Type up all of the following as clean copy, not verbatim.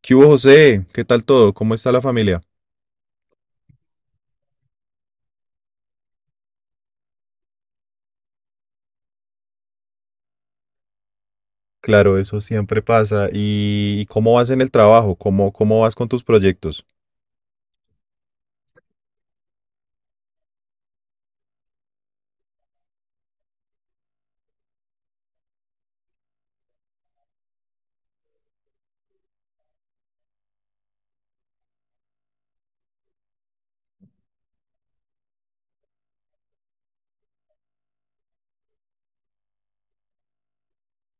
¿Qué hubo, José? ¿Qué tal todo? ¿Cómo está la familia? Claro, eso siempre pasa. ¿Y cómo vas en el trabajo? ¿Cómo vas con tus proyectos?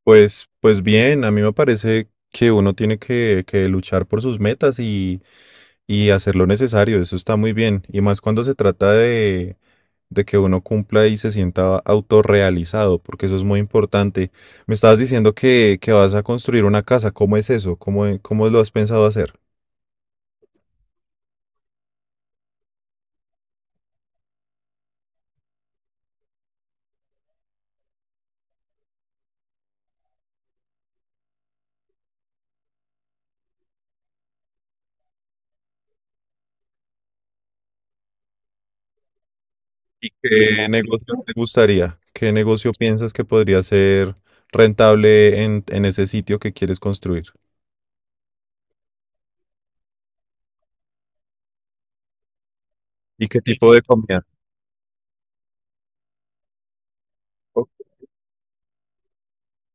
Pues bien, a mí me parece que uno tiene que luchar por sus metas y hacer lo necesario. Eso está muy bien. Y más cuando se trata de que uno cumpla y se sienta autorrealizado, porque eso es muy importante. Me estabas diciendo que vas a construir una casa. ¿Cómo es eso? ¿Cómo lo has pensado hacer? ¿Qué negocio te gustaría? ¿Qué negocio piensas que podría ser rentable en ese sitio que quieres construir? ¿Y qué tipo de comida? O-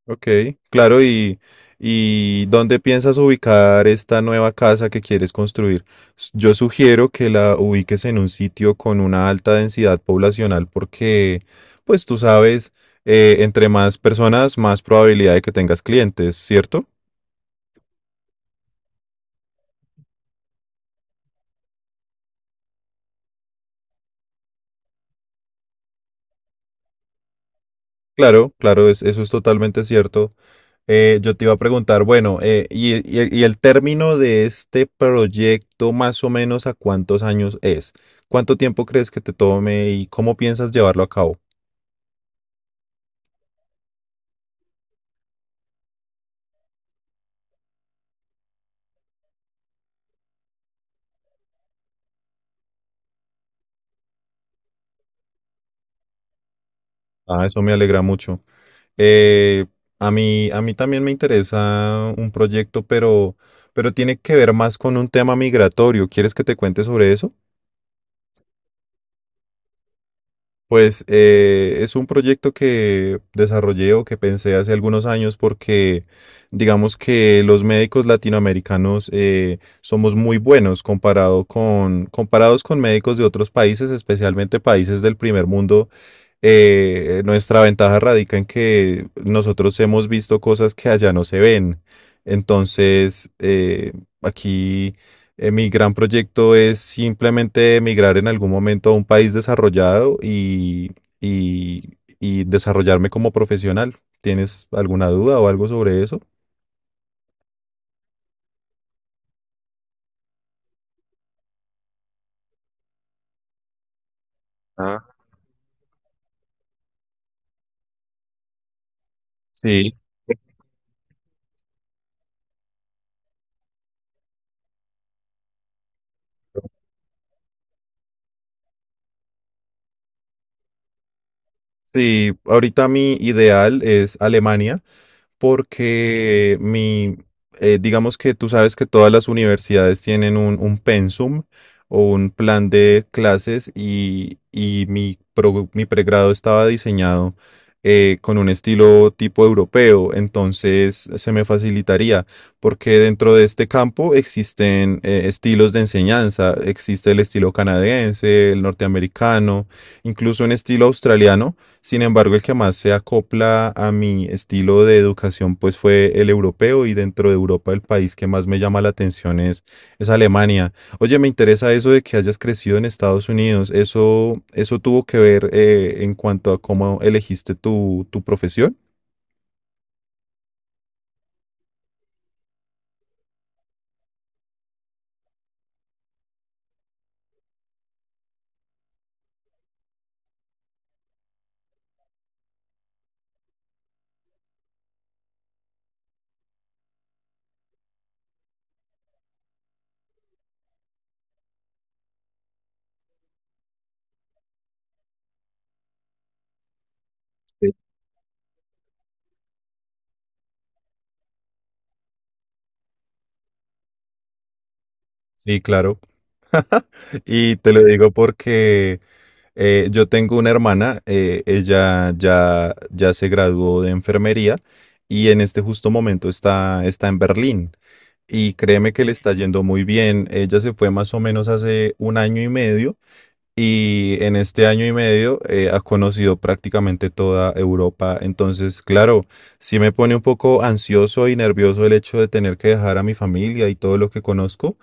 Ok, claro, ¿y dónde piensas ubicar esta nueva casa que quieres construir? Yo sugiero que la ubiques en un sitio con una alta densidad poblacional porque, pues tú sabes, entre más personas, más probabilidad de que tengas clientes, ¿cierto? Claro, claro, eso es totalmente cierto. Yo te iba a preguntar, bueno, y el término de este proyecto más o menos ¿a cuántos años es? ¿Cuánto tiempo crees que te tome y cómo piensas llevarlo a cabo? Ah, eso me alegra mucho. Eh, a mí también me interesa un proyecto, pero tiene que ver más con un tema migratorio. ¿Quieres que te cuente sobre eso? Pues es un proyecto que desarrollé o que pensé hace algunos años porque digamos que los médicos latinoamericanos somos muy buenos comparados con médicos de otros países, especialmente países del primer mundo. Nuestra ventaja radica en que nosotros hemos visto cosas que allá no se ven. Entonces, aquí mi gran proyecto es simplemente emigrar en algún momento a un país desarrollado y desarrollarme como profesional. ¿Tienes alguna duda o algo sobre eso? Ah, sí, sí, ahorita mi ideal es Alemania. Porque mi, digamos que tú sabes que todas las universidades tienen un pensum o un plan de clases y mi pregrado estaba diseñado con un estilo tipo europeo, entonces se me facilitaría, porque dentro de este campo existen estilos de enseñanza, existe el estilo canadiense, el norteamericano, incluso un estilo australiano. Sin embargo, el que más se acopla a mi estilo de educación, pues fue el europeo y dentro de Europa el país que más me llama la atención es Alemania. Oye, me interesa eso de que hayas crecido en Estados Unidos. ¿Eso, eso tuvo que ver en cuanto a cómo elegiste tu profesión? Sí, sí, claro. Y te lo digo porque yo tengo una hermana, ella ya se graduó de enfermería y en este justo momento está en Berlín. Y créeme que le está yendo muy bien. Ella se fue más o menos hace un año y medio y en este año y medio ha conocido prácticamente toda Europa. Entonces, claro, sí me pone un poco ansioso y nervioso el hecho de tener que dejar a mi familia y todo lo que conozco,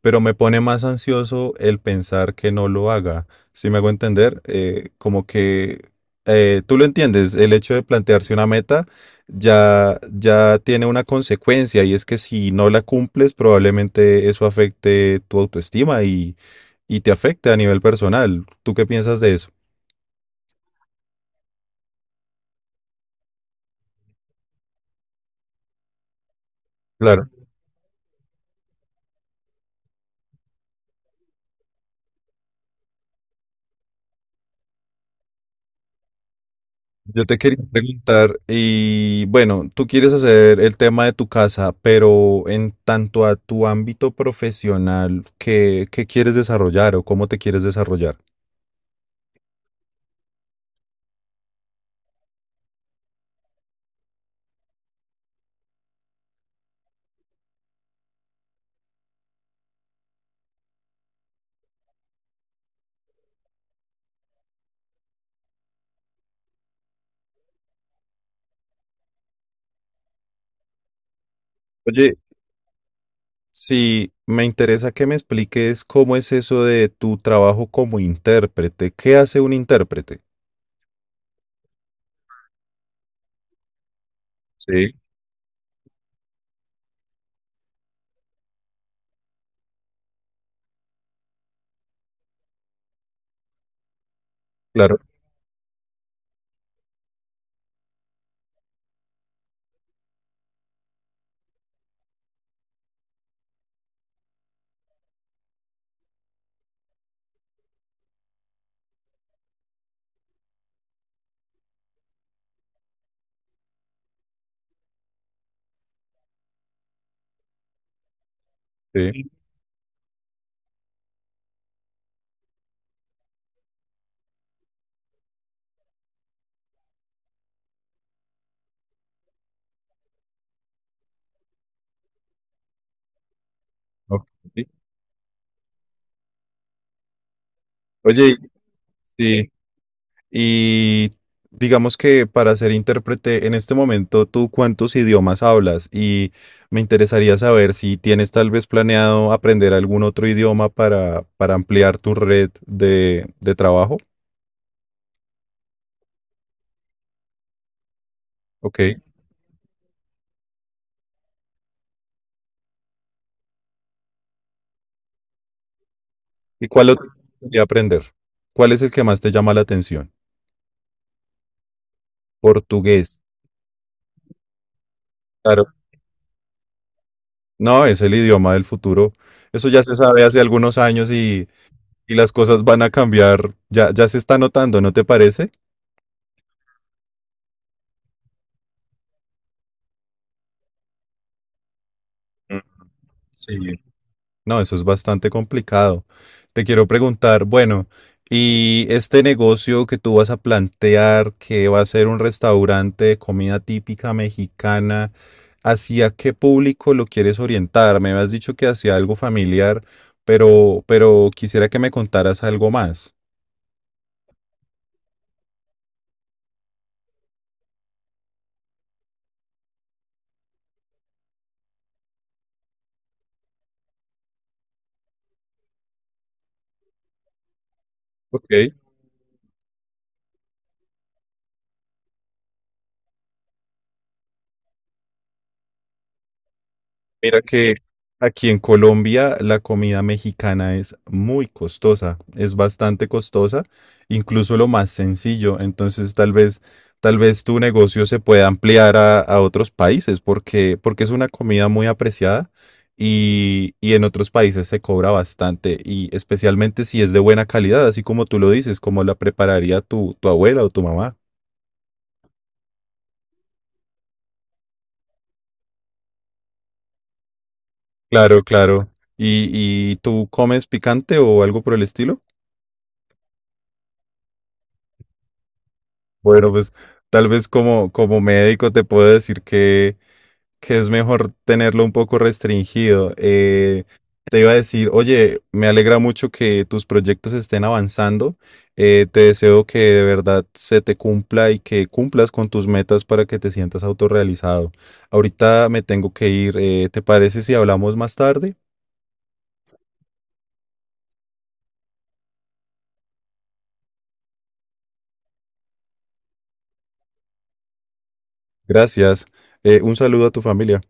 pero me pone más ansioso el pensar que no lo haga. Si me hago entender, como que tú lo entiendes, el hecho de plantearse una meta ya tiene una consecuencia y es que si no la cumples, probablemente eso afecte tu autoestima y te afecta a nivel personal. ¿Tú qué piensas de eso? Claro, yo te quería preguntar, y bueno, tú quieres hacer el tema de tu casa, pero en tanto a tu ámbito profesional, ¿qué quieres desarrollar o cómo te quieres desarrollar? Oye, sí, me interesa que me expliques cómo es eso de tu trabajo como intérprete. ¿Qué hace un intérprete? Sí, claro, sí. Ok. Oye, sí, y digamos que para ser intérprete en este momento, ¿tú cuántos idiomas hablas? Y me interesaría saber si tienes tal vez planeado aprender algún otro idioma para ampliar tu red de trabajo. Ok. ¿Y cuál otro te gustaría aprender? ¿Cuál es el que más te llama la atención? Portugués. Claro, no, es el idioma del futuro. Eso ya se sabe hace algunos años y las cosas van a cambiar. Ya, ya se está notando, ¿no te parece? Mm, sí. No, eso es bastante complicado. Te quiero preguntar, bueno, ¿y este negocio que tú vas a plantear, que va a ser un restaurante de comida típica mexicana, ¿hacia qué público lo quieres orientar? Me has dicho que hacia algo familiar, pero quisiera que me contaras algo más. Ok. Mira que aquí en Colombia la comida mexicana es muy costosa, es bastante costosa, incluso lo más sencillo. Entonces, tal vez tu negocio se pueda ampliar a otros países porque, porque es una comida muy apreciada y en otros países se cobra bastante y especialmente si es de buena calidad, así como tú lo dices, como la prepararía tu abuela o tu mamá. Claro, claro. Y tú comes picante o algo por el estilo? Bueno, pues tal vez como médico te puedo decir que es mejor tenerlo un poco restringido. Te iba a decir, oye, me alegra mucho que tus proyectos estén avanzando. Te deseo que de verdad se te cumpla y que cumplas con tus metas para que te sientas autorrealizado. Ahorita me tengo que ir. ¿Te parece si hablamos más tarde? Gracias. Un saludo a tu familia.